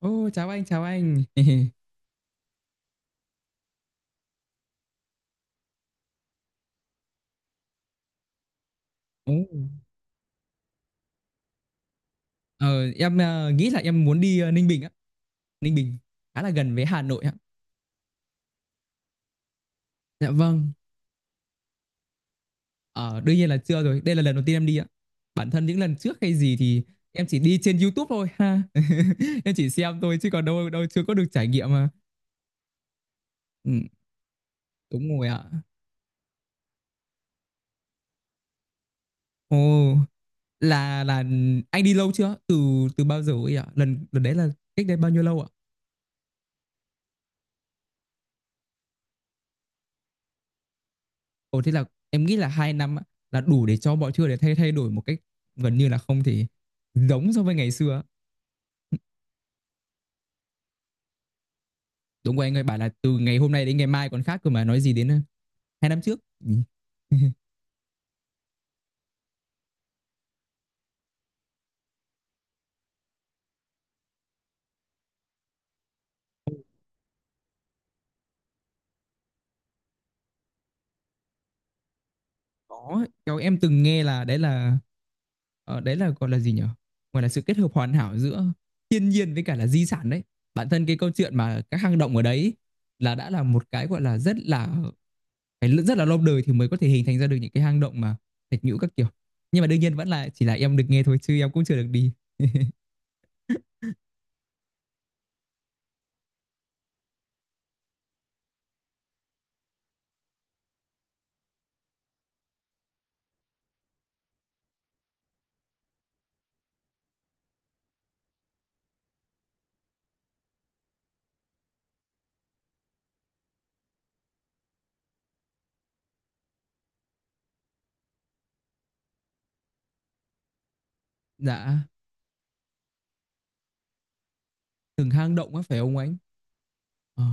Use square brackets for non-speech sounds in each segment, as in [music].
Ô, chào anh, chào anh. [laughs] Ồ, ờ, em, nghĩ là em muốn đi, Ninh Bình á. Ninh Bình khá là gần với Hà Nội ạ. Dạ vâng, ờ, đương nhiên là chưa rồi. Đây là lần đầu tiên em đi ạ. Bản thân những lần trước hay gì thì em chỉ đi trên YouTube thôi ha. [laughs] Em chỉ xem thôi chứ còn đâu đâu chưa có được trải nghiệm mà. Ừm, đúng rồi ạ. Ồ, là anh đi lâu chưa? Từ từ bao giờ ấy ạ? Lần lần đấy là cách đây bao nhiêu lâu ạ? Ồ, thế là em nghĩ là 2 năm á, là đủ để cho mọi thứ để thay thay đổi một cách gần như là không thể giống so với ngày xưa á. Đúng rồi anh ơi, bảo là từ ngày hôm nay đến ngày mai còn khác cơ mà nói gì đến hai năm trước. Ừ. [laughs] Có, theo em từng nghe là đấy là gọi là gì nhỉ? Gọi là sự kết hợp hoàn hảo giữa thiên nhiên với cả là di sản đấy. Bản thân cái câu chuyện mà các hang động ở đấy là đã là một cái gọi là rất là phải rất là lâu đời thì mới có thể hình thành ra được những cái hang động mà thạch nhũ các kiểu, nhưng mà đương nhiên vẫn là chỉ là em được nghe thôi chứ em cũng chưa được đi. Dạ, từng hang động á phải không anh ờ.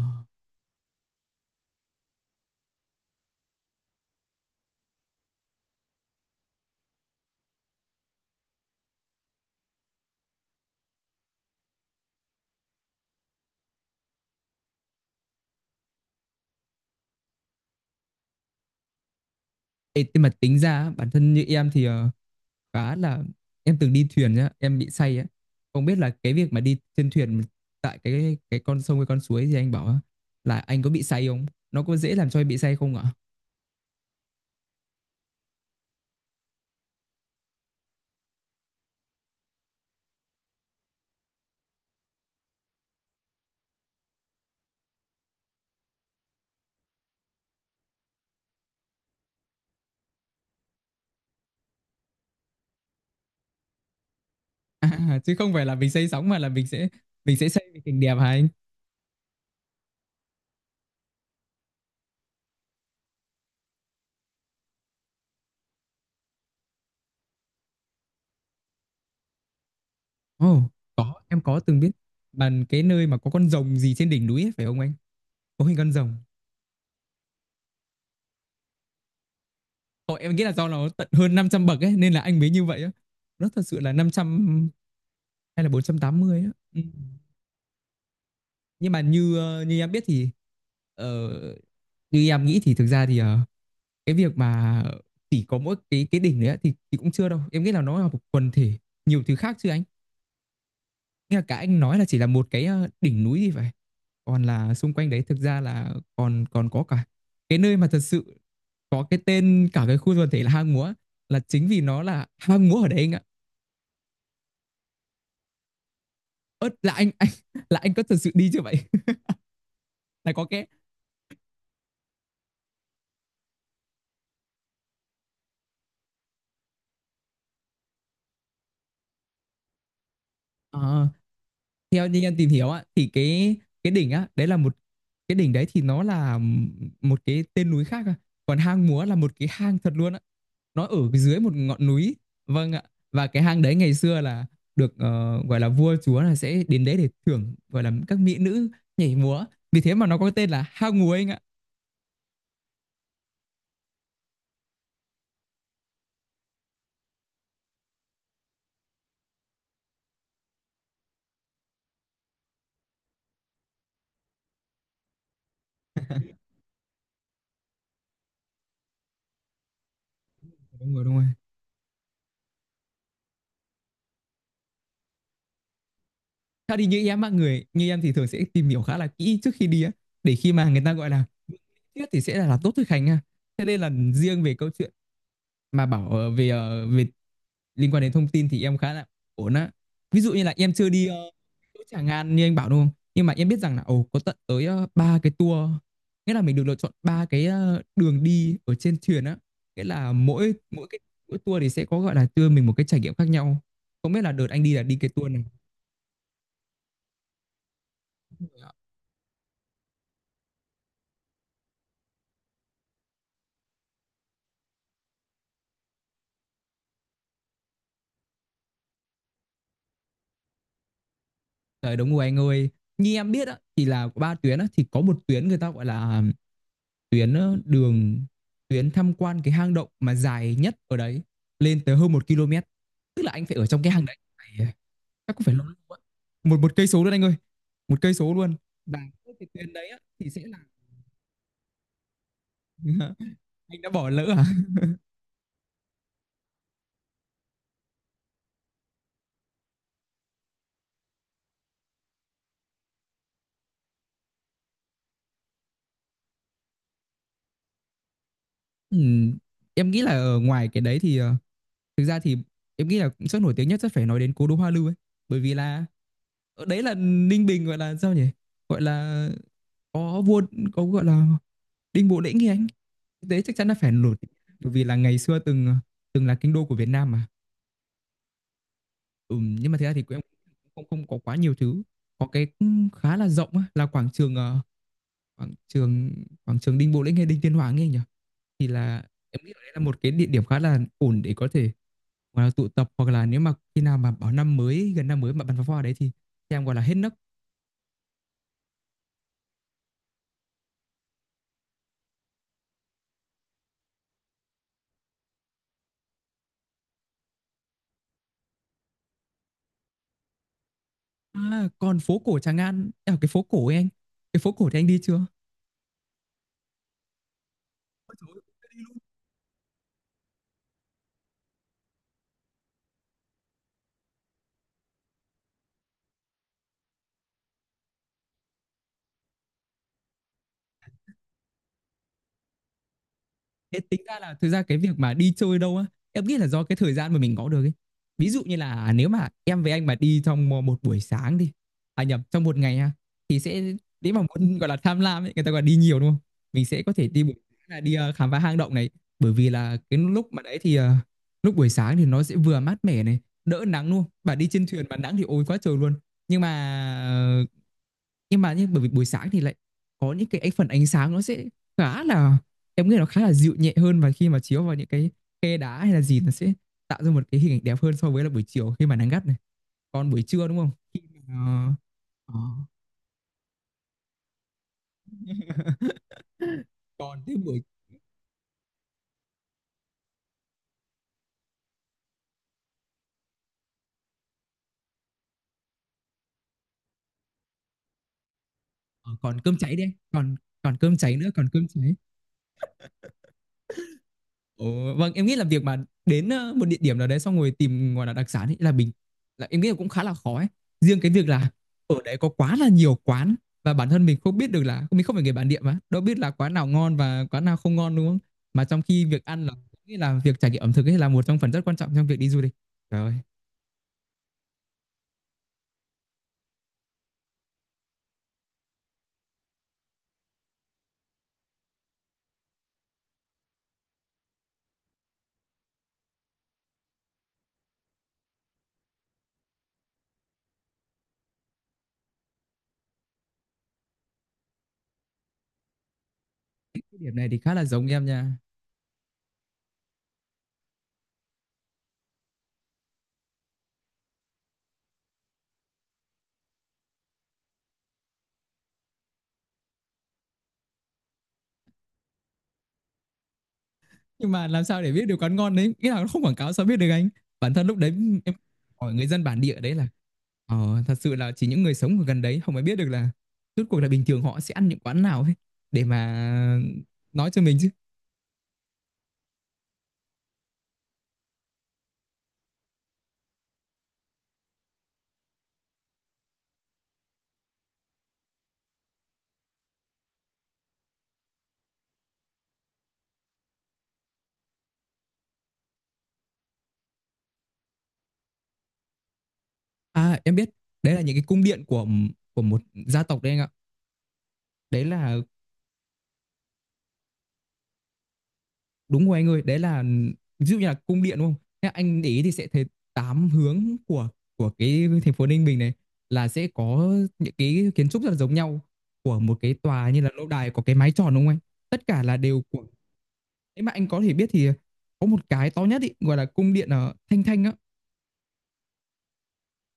Ê, mà tính ra bản thân như em thì khá là em từng đi thuyền nhá, em bị say á, không biết là cái việc mà đi trên thuyền, tại cái con sông hay con suối gì anh bảo á, là anh có bị say không, nó có dễ làm cho em bị say không ạ? [laughs] À, chứ không phải là mình say sóng mà là mình sẽ say vì cảnh đẹp, hả anh? Ồ, có, em có từng biết, bàn cái nơi mà có con rồng gì trên đỉnh núi ấy, phải không anh? Có hình con rồng. Ồ, em nghĩ là do nó tận hơn 500 bậc ấy nên là anh mới như vậy á. Nó thật sự là 500 hay là 480 á. Ừ. Nhưng mà như như em biết thì, ờ, như em nghĩ thì thực ra thì cái việc mà chỉ có mỗi cái đỉnh đấy á, thì cũng chưa đâu. Em nghĩ là nó là một quần thể nhiều thứ khác chứ anh. Nghĩa là cả anh nói là chỉ là một cái đỉnh núi thì phải. Còn là xung quanh đấy thực ra là còn còn có cả cái nơi mà thật sự có cái tên, cả cái khu quần thể là hang múa, là chính vì nó là hang múa ở đấy anh ạ. Ớt là anh là anh có thật sự đi chưa vậy? [laughs] Là có cái ờ, Theo như em tìm hiểu á thì cái đỉnh á, đấy là một cái đỉnh đấy thì nó là một cái tên núi khác à. Còn hang múa là một cái hang thật luôn á. Nó ở dưới một ngọn núi. Vâng ạ. Và cái hang đấy ngày xưa là được gọi là vua chúa là sẽ đến đấy để thưởng, gọi là các mỹ nữ nhảy múa, vì thế mà nó có tên là hang múa anh ạ. Đúng rồi, đúng rồi. Theo thì như em á, người như em thì thường sẽ tìm hiểu khá là kỹ trước khi đi á, để khi mà người ta gọi là biết thì sẽ là tốt thôi, Khánh ha. Thế nên là riêng về câu chuyện mà bảo về liên quan đến thông tin thì em khá là ổn á. Ví dụ như là em chưa đi chỗ Tràng An như anh bảo đúng không, nhưng mà em biết rằng là, ồ, có tận tới ba cái tour, nghĩa là mình được lựa chọn ba cái đường đi ở trên thuyền á, nghĩa là mỗi mỗi cái mỗi tour thì sẽ có gọi là đưa mình một cái trải nghiệm khác nhau, không biết là đợt anh đi là đi cái tour này. Trời, đúng rồi anh ơi, như em biết á thì là có ba tuyến á, thì có một tuyến người ta gọi là tuyến ờ, đường tuyến tham quan cái hang động mà dài nhất ở đấy, lên tới hơn 1 km, tức là anh phải ở trong cái hang đấy chắc cũng phải lâu lâu. Một một cây số luôn anh ơi, 1 cây số luôn. Và cái tuyến đấy á, thì sẽ là... [laughs] anh đã bỏ lỡ à. Ừm, em nghĩ là ở ngoài cái đấy thì thực ra thì em nghĩ là cũng rất nổi tiếng nhất, rất phải nói đến cố đô Hoa Lư ấy, bởi vì là ở đấy là Ninh Bình, gọi là sao nhỉ, gọi là có vua, có gọi là Đinh Bộ Lĩnh thì anh thực chắc chắn là phải nổi, bởi vì là ngày xưa từng từng là kinh đô của Việt Nam mà. Ừ, nhưng mà thực ra thì cũng không không có quá nhiều thứ, có cái cũng khá là rộng á, là quảng trường ờ, quảng trường quảng trường Đinh Bộ Lĩnh hay Đinh Tiên Hoàng ấy nhỉ, thì là em nghĩ ở đấy là một cái địa điểm khá là ổn để có thể gọi là tụ tập, hoặc là nếu mà khi nào mà bảo năm mới, gần năm mới mà bắn pháo hoa ở đấy thì em gọi là hết nấc. À, còn phố cổ Tràng An, à, cái phố cổ thì anh đi chưa? Ôi trời ơi, chưa đi luôn. Thế tính ra là thực ra cái việc mà đi chơi đâu á, em nghĩ là do cái thời gian mà mình có được ấy. Ví dụ như là nếu mà em với anh mà đi trong một buổi sáng đi, à nhầm, trong một ngày ha, thì sẽ nếu mà muốn gọi là tham lam ấy, người ta gọi là đi nhiều đúng không? Mình sẽ có thể đi buổi sáng là đi khám phá hang động này, bởi vì là cái lúc mà đấy thì lúc buổi sáng thì nó sẽ vừa mát mẻ này, đỡ nắng luôn. Bà đi trên thuyền mà nắng thì ôi quá trời luôn. Nhưng mà, ờ, nhưng bởi vì buổi sáng thì lại có những cái phần ánh sáng nó sẽ khá là em nghĩ nó khá là dịu nhẹ hơn, và khi mà chiếu vào những cái khe đá hay là gì nó sẽ tạo ra một cái hình ảnh đẹp hơn so với là buổi chiều khi mà nắng gắt này, còn buổi trưa đúng không khi mà, ờ, ờ, [laughs] còn thế buổi, ờ, còn cơm cháy đi anh. Còn còn cơm cháy nữa, còn cơm cháy. Ồ, vâng, em nghĩ là việc mà đến một địa điểm nào đấy xong rồi tìm gọi là đặc sản ấy là bình, là em nghĩ là cũng khá là khó ấy. Riêng cái việc là ở đấy có quá là nhiều quán, và bản thân mình không biết được là, mình không phải người bản địa mà đâu biết là quán nào ngon và quán nào không ngon đúng không? Mà trong khi việc ăn là nghĩ là việc trải nghiệm ẩm thực ấy là một trong phần rất quan trọng trong việc đi du lịch. Trời ơi, cái điểm này thì khá là giống em nha. Nhưng mà làm sao để biết được quán ngon đấy, nghĩa là nó không quảng cáo sao biết được anh? Bản thân lúc đấy em hỏi người dân bản địa đấy là thật sự là chỉ những người sống ở gần đấy họ mới biết được là rốt cuộc là bình thường họ sẽ ăn những quán nào ấy để mà nói cho mình chứ. À, em biết, đấy là những cái cung điện của một gia tộc đấy anh ạ. Đấy là... Đúng rồi anh ơi, đấy là ví dụ như là cung điện đúng không? Thế anh để ý thì sẽ thấy tám hướng của cái thành phố Ninh Bình này là sẽ có những cái kiến trúc rất là giống nhau của một cái tòa như là lâu đài có cái mái tròn đúng không anh? Tất cả là đều của, nếu mà anh có thể biết thì có một cái to nhất ý, gọi là cung điện ở Thanh Thanh á,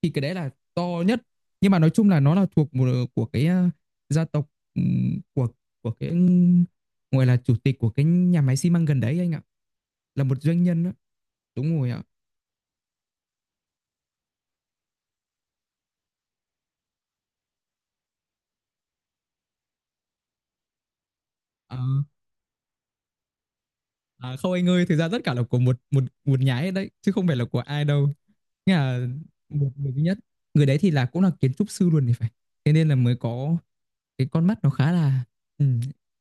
thì cái đấy là to nhất, nhưng mà nói chung là nó là thuộc một của cái gia tộc, ừm, của của cái, gọi là chủ tịch của cái nhà máy xi măng gần đấy anh ạ, là một doanh nhân á. Đúng rồi ạ. Ờ, à, không anh ơi, thực ra tất cả là của một một một nhà hết đấy, chứ không phải là của ai đâu. Nghĩa là một người duy nhất. Người đấy thì là cũng là kiến trúc sư luôn thì phải. Thế nên là mới có cái con mắt nó khá là, ừ,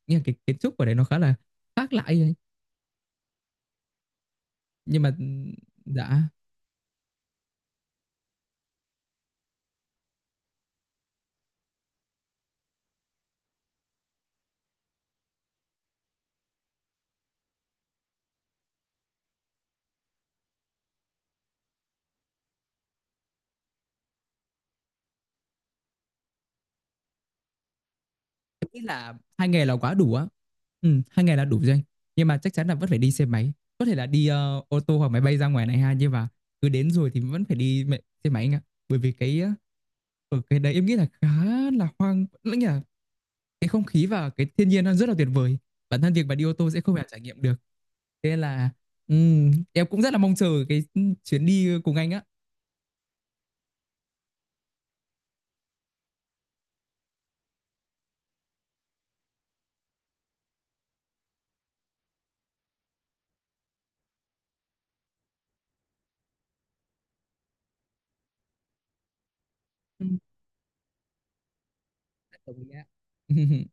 nghĩa là cái kiến trúc ở đấy nó khá là khác lại ấy. Nhưng mà, dạ, em nghĩ là 2 ngày là quá đủ á. Ừ, 2 ngày là đủ rồi anh. Nhưng mà chắc chắn là vẫn phải đi xe máy. Có thể là đi ô tô hoặc máy bay ra ngoài này ha, nhưng mà cứ đến rồi thì vẫn phải đi xe máy anh ạ. Bởi vì cái Ở cái đấy em nghĩ là khá là hoang lãng nhỉ, cái không khí và cái thiên nhiên nó rất là tuyệt vời, bản thân việc mà đi ô tô sẽ không thể trải nghiệm được, thế nên là em cũng rất là mong chờ cái chuyến đi cùng anh á. Ừm, đồng ý ạ. [laughs]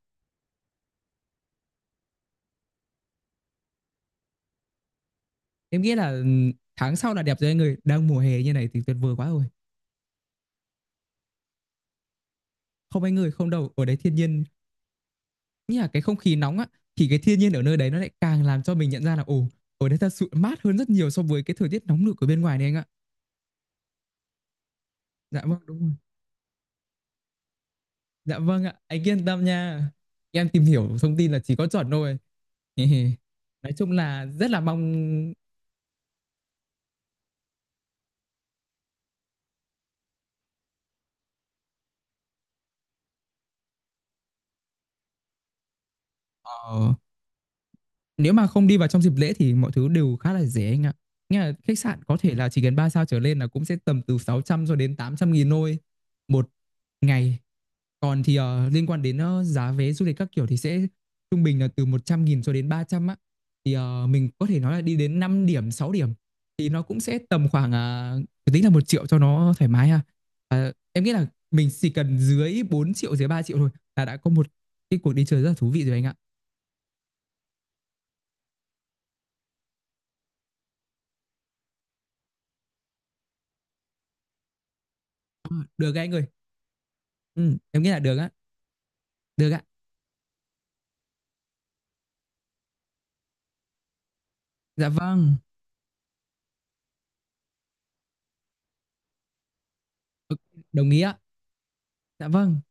Em nghĩ là, tháng sau là đẹp rồi anh ơi, đang mùa hè như này thì tuyệt vời quá rồi. Không anh ơi, không đâu, ở đấy thiên nhiên, như là cái không khí nóng á, thì cái thiên nhiên ở nơi đấy nó lại càng làm cho mình nhận ra là, ồ, ở đấy thật sự mát hơn rất nhiều so với cái thời tiết nóng nực ở bên ngoài này anh ạ. Dạ vâng, đúng rồi. Dạ vâng ạ, anh yên tâm nha. Em tìm hiểu thông tin là chỉ có chuẩn thôi. [laughs] Nói chung là rất là mong. ờ, Nếu mà không đi vào trong dịp lễ thì mọi thứ đều khá là rẻ anh ạ. Nghĩa là khách sạn có thể là chỉ cần 3 sao trở lên là cũng sẽ tầm từ 600 cho đến 800.000 thôi một ngày. Còn thì, liên quan đến, giá vé du lịch các kiểu thì sẽ trung bình là từ 100.000 cho đến 300 á. Thì, mình có thể nói là đi đến 5 điểm, 6 điểm thì nó cũng sẽ tầm khoảng, à, tính là 1 triệu cho nó thoải mái ha. Ờ, em nghĩ là mình chỉ cần dưới 4 triệu, dưới 3 triệu thôi là đã có một cái cuộc đi chơi rất là thú vị rồi anh ạ. Được anh ơi. Em nghĩ là được á, được ạ. Dạ vâng, Ok, đồng ý ạ. Dạ vâng,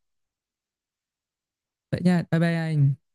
vậy nha. Bye bye anh.